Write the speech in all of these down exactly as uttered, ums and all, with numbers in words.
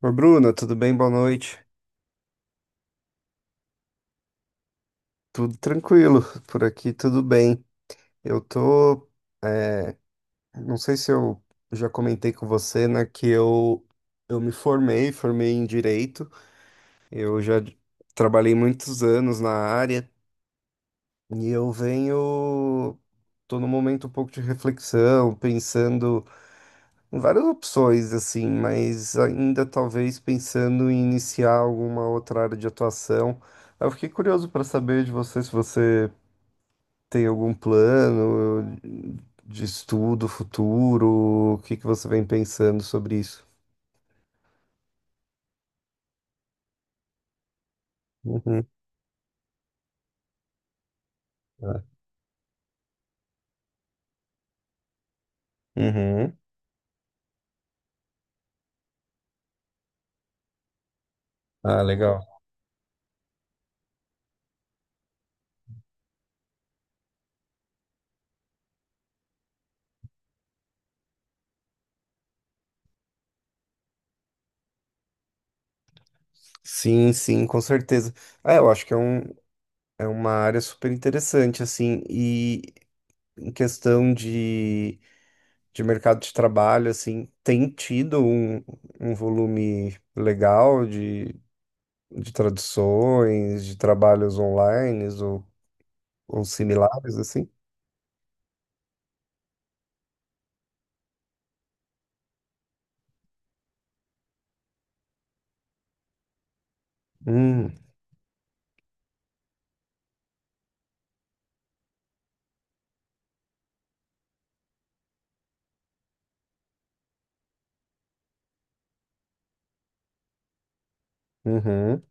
Ô, Bruna, tudo bem? Boa noite. Tudo tranquilo, por aqui tudo bem. Eu tô, é, não sei se eu já comentei com você, né, que eu, eu me formei, formei em Direito. Eu já d- Trabalhei muitos anos na área e eu venho, tô num momento um pouco de reflexão, pensando em várias opções, assim, mas ainda talvez pensando em iniciar alguma outra área de atuação. Eu fiquei curioso para saber de você se você tem algum plano de estudo futuro? O que que você vem pensando sobre isso? Uhum. Ah, uhum. Ah, legal. Sim, sim, com certeza. Ah, eu acho que é um, é uma área super interessante, assim, e em questão de, de mercado de trabalho, assim, tem tido um, um volume legal de, de traduções, de trabalhos online ou, ou similares, assim? Hum, uhum.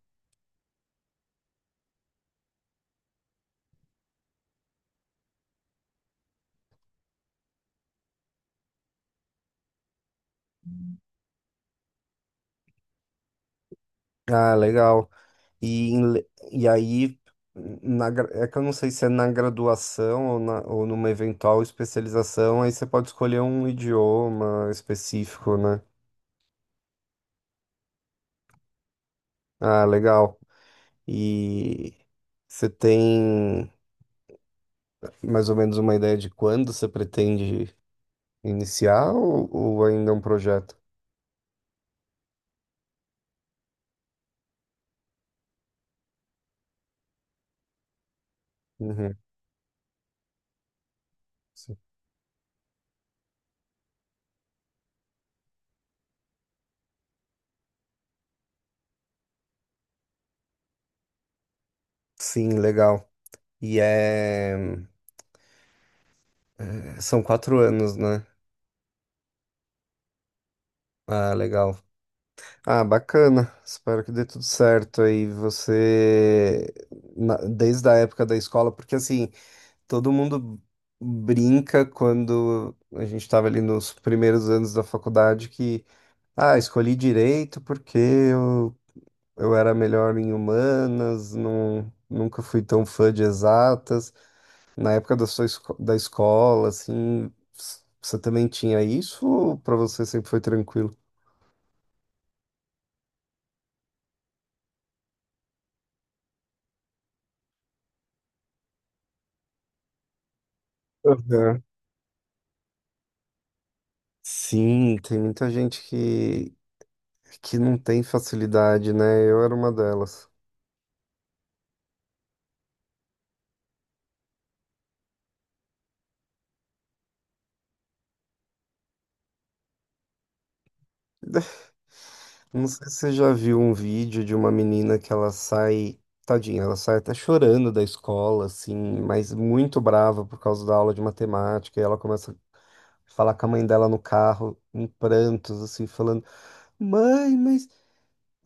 Ah, legal. E, em le- e aí, na, gra- É que eu não sei se é na graduação ou, na, ou numa eventual especialização, aí você pode escolher um idioma específico, né? Ah, legal. E você tem mais ou menos uma ideia de quando você pretende iniciar ou, ou ainda é um projeto? Uhum. Sim, legal. E é... São quatro anos, né? Ah, legal. Ah, bacana. Espero que dê tudo certo aí. Você, na- desde a época da escola, porque assim, todo mundo brinca quando a gente estava ali nos primeiros anos da faculdade que, ah, escolhi direito porque eu, eu era melhor em humanas, não, nunca fui tão fã de exatas. Na época da sua esco- da escola, assim, s- você também tinha isso ou para você sempre foi tranquilo? Sim, tem muita gente que, que não tem facilidade, né? Eu era uma delas. Não sei se você já viu um vídeo de uma menina que ela sai, tadinha, ela sai até chorando da escola, assim, mas muito brava por causa da aula de matemática, e ela começa a falar com a mãe dela no carro, em prantos, assim, falando: Mãe, mas...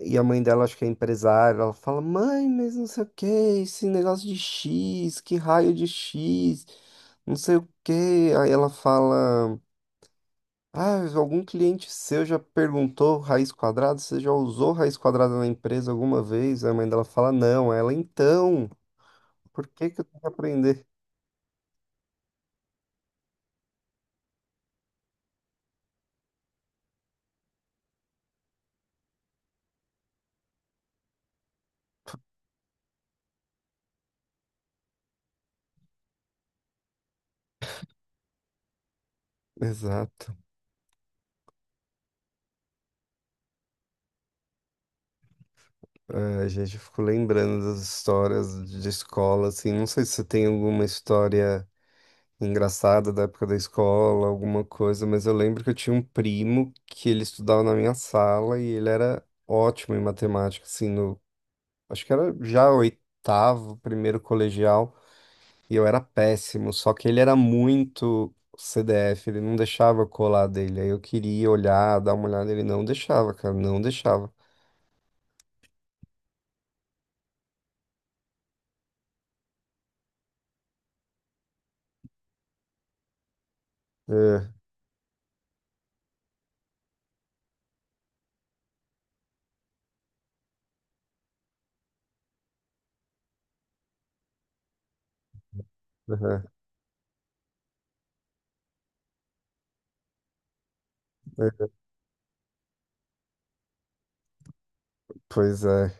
E a mãe dela, acho que é empresária, ela fala, mãe, mas não sei o que, esse negócio de X, que raio de X, não sei o que. Aí ela fala, ah, algum cliente seu já perguntou raiz quadrada? Você já usou raiz quadrada na empresa alguma vez? Aí a mãe dela fala, não. Ela, então, por que que eu tenho que aprender? Exato. É, a gente ficou lembrando das histórias de escola, assim, não sei se você tem alguma história engraçada da época da escola, alguma coisa, mas eu lembro que eu tinha um primo que ele estudava na minha sala e ele era ótimo em matemática, assim, no, acho que era já oitavo, primeiro colegial, e eu era péssimo, só que ele era muito C D F, ele não deixava eu colar dele, aí eu queria olhar, dar uma olhada, ele não deixava, cara, não deixava. É, aham, é, pois é.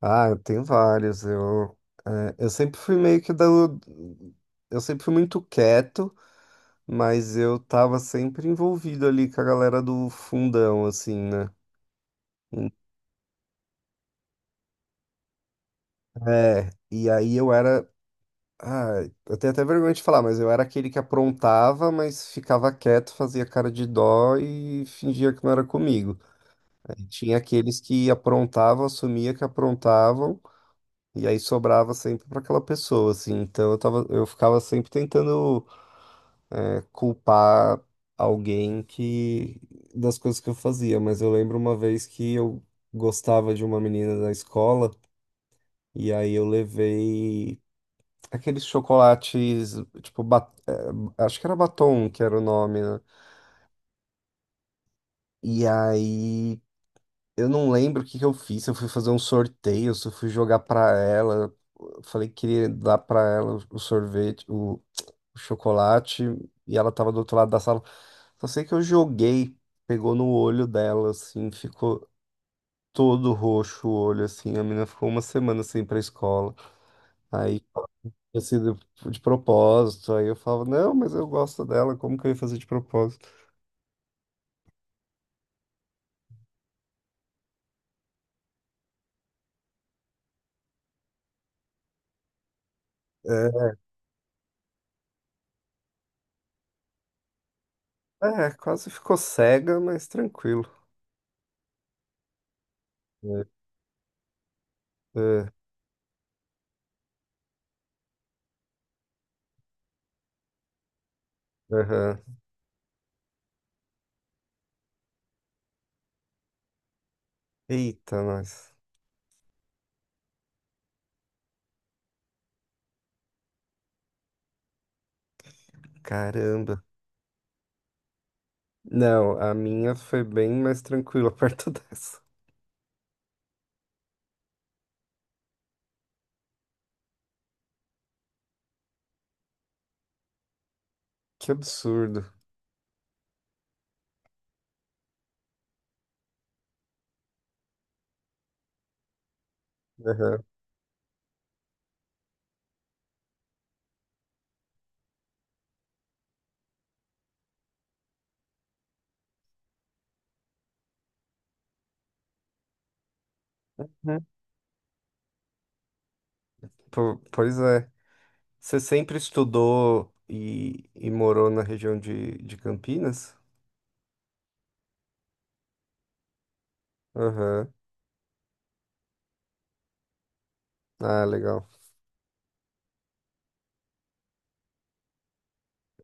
Ah, eu tenho vários. Eu, eh, eu sempre fui meio que da... Eu sempre fui muito quieto, mas eu tava sempre envolvido ali com a galera do fundão, assim, né? Hum. É, e aí eu era... Ah, eu tenho até vergonha de falar, mas eu era aquele que aprontava, mas ficava quieto, fazia cara de dó e fingia que não era comigo. Aí tinha aqueles que aprontavam, assumia que aprontavam, e aí sobrava sempre para aquela pessoa, assim. Então eu tava, eu ficava sempre tentando é, culpar alguém que das coisas que eu fazia, mas eu lembro uma vez que eu gostava de uma menina da escola e aí eu levei aqueles chocolates, tipo, ba- é, acho que era batom que era o nome, né? E aí eu não lembro o que que eu fiz, se eu fui fazer um sorteio, se eu fui jogar pra ela, eu falei que queria dar pra ela o sorvete, chocolate e ela tava do outro lado da sala. Só sei que eu joguei, pegou no olho dela, assim, ficou todo roxo o olho, assim. A menina ficou uma semana sem ir pra escola. Aí, tinha sido de propósito. Aí eu falava, não, mas eu gosto dela, como que eu ia fazer de propósito? É, é, quase ficou cega, mas tranquilo. É, é, aham. Eita, nós. Caramba. Não, a minha foi bem mais tranquila perto dessa. Que absurdo. Aham. Po- Pois é. Você sempre estudou e, e morou na região de, de Campinas? Aham. Ah, legal.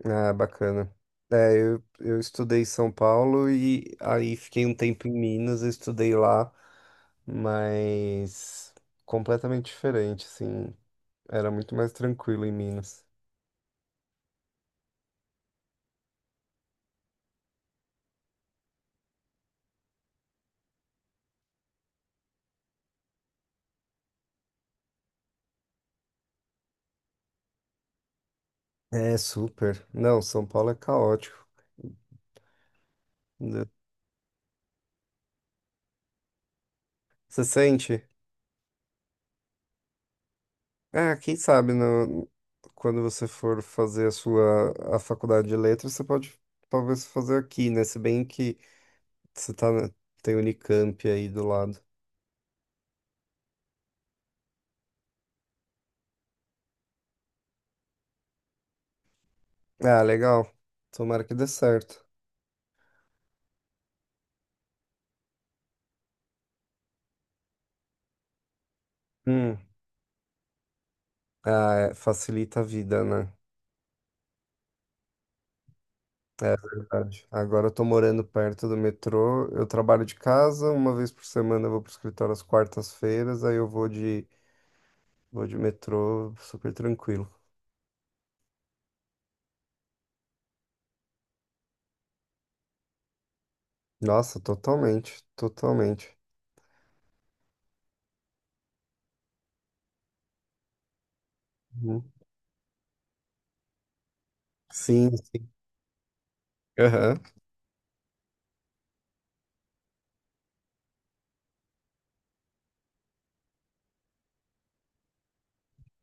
Ah, bacana. É, eu, eu estudei em São Paulo e aí fiquei um tempo em Minas, eu estudei lá, mas completamente diferente, assim. Era muito mais tranquilo em Minas. É, super. Não, São Paulo é caótico. Você sente? É, quem sabe, no, quando você for fazer a sua a faculdade de letras, você pode talvez fazer aqui, né? Se bem que você tá, na- tem Unicamp aí do lado. Ah, legal. Tomara que dê certo. Hum. Ah, é, facilita a vida, né? É verdade. Agora eu tô morando perto do metrô, eu trabalho de casa, uma vez por semana eu vou pro escritório às quartas-feiras, aí eu vou de, vou de metrô super tranquilo. Nossa, totalmente, totalmente. Uhum. Sim, sim. Aham.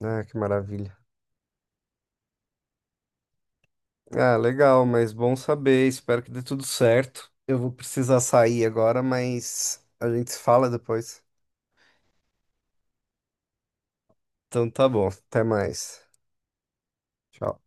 Ah, que maravilha. Ah, legal, mas bom saber. Espero que dê tudo certo. Eu vou precisar sair agora, mas a gente se fala depois. Então tá bom. Até mais. Tchau.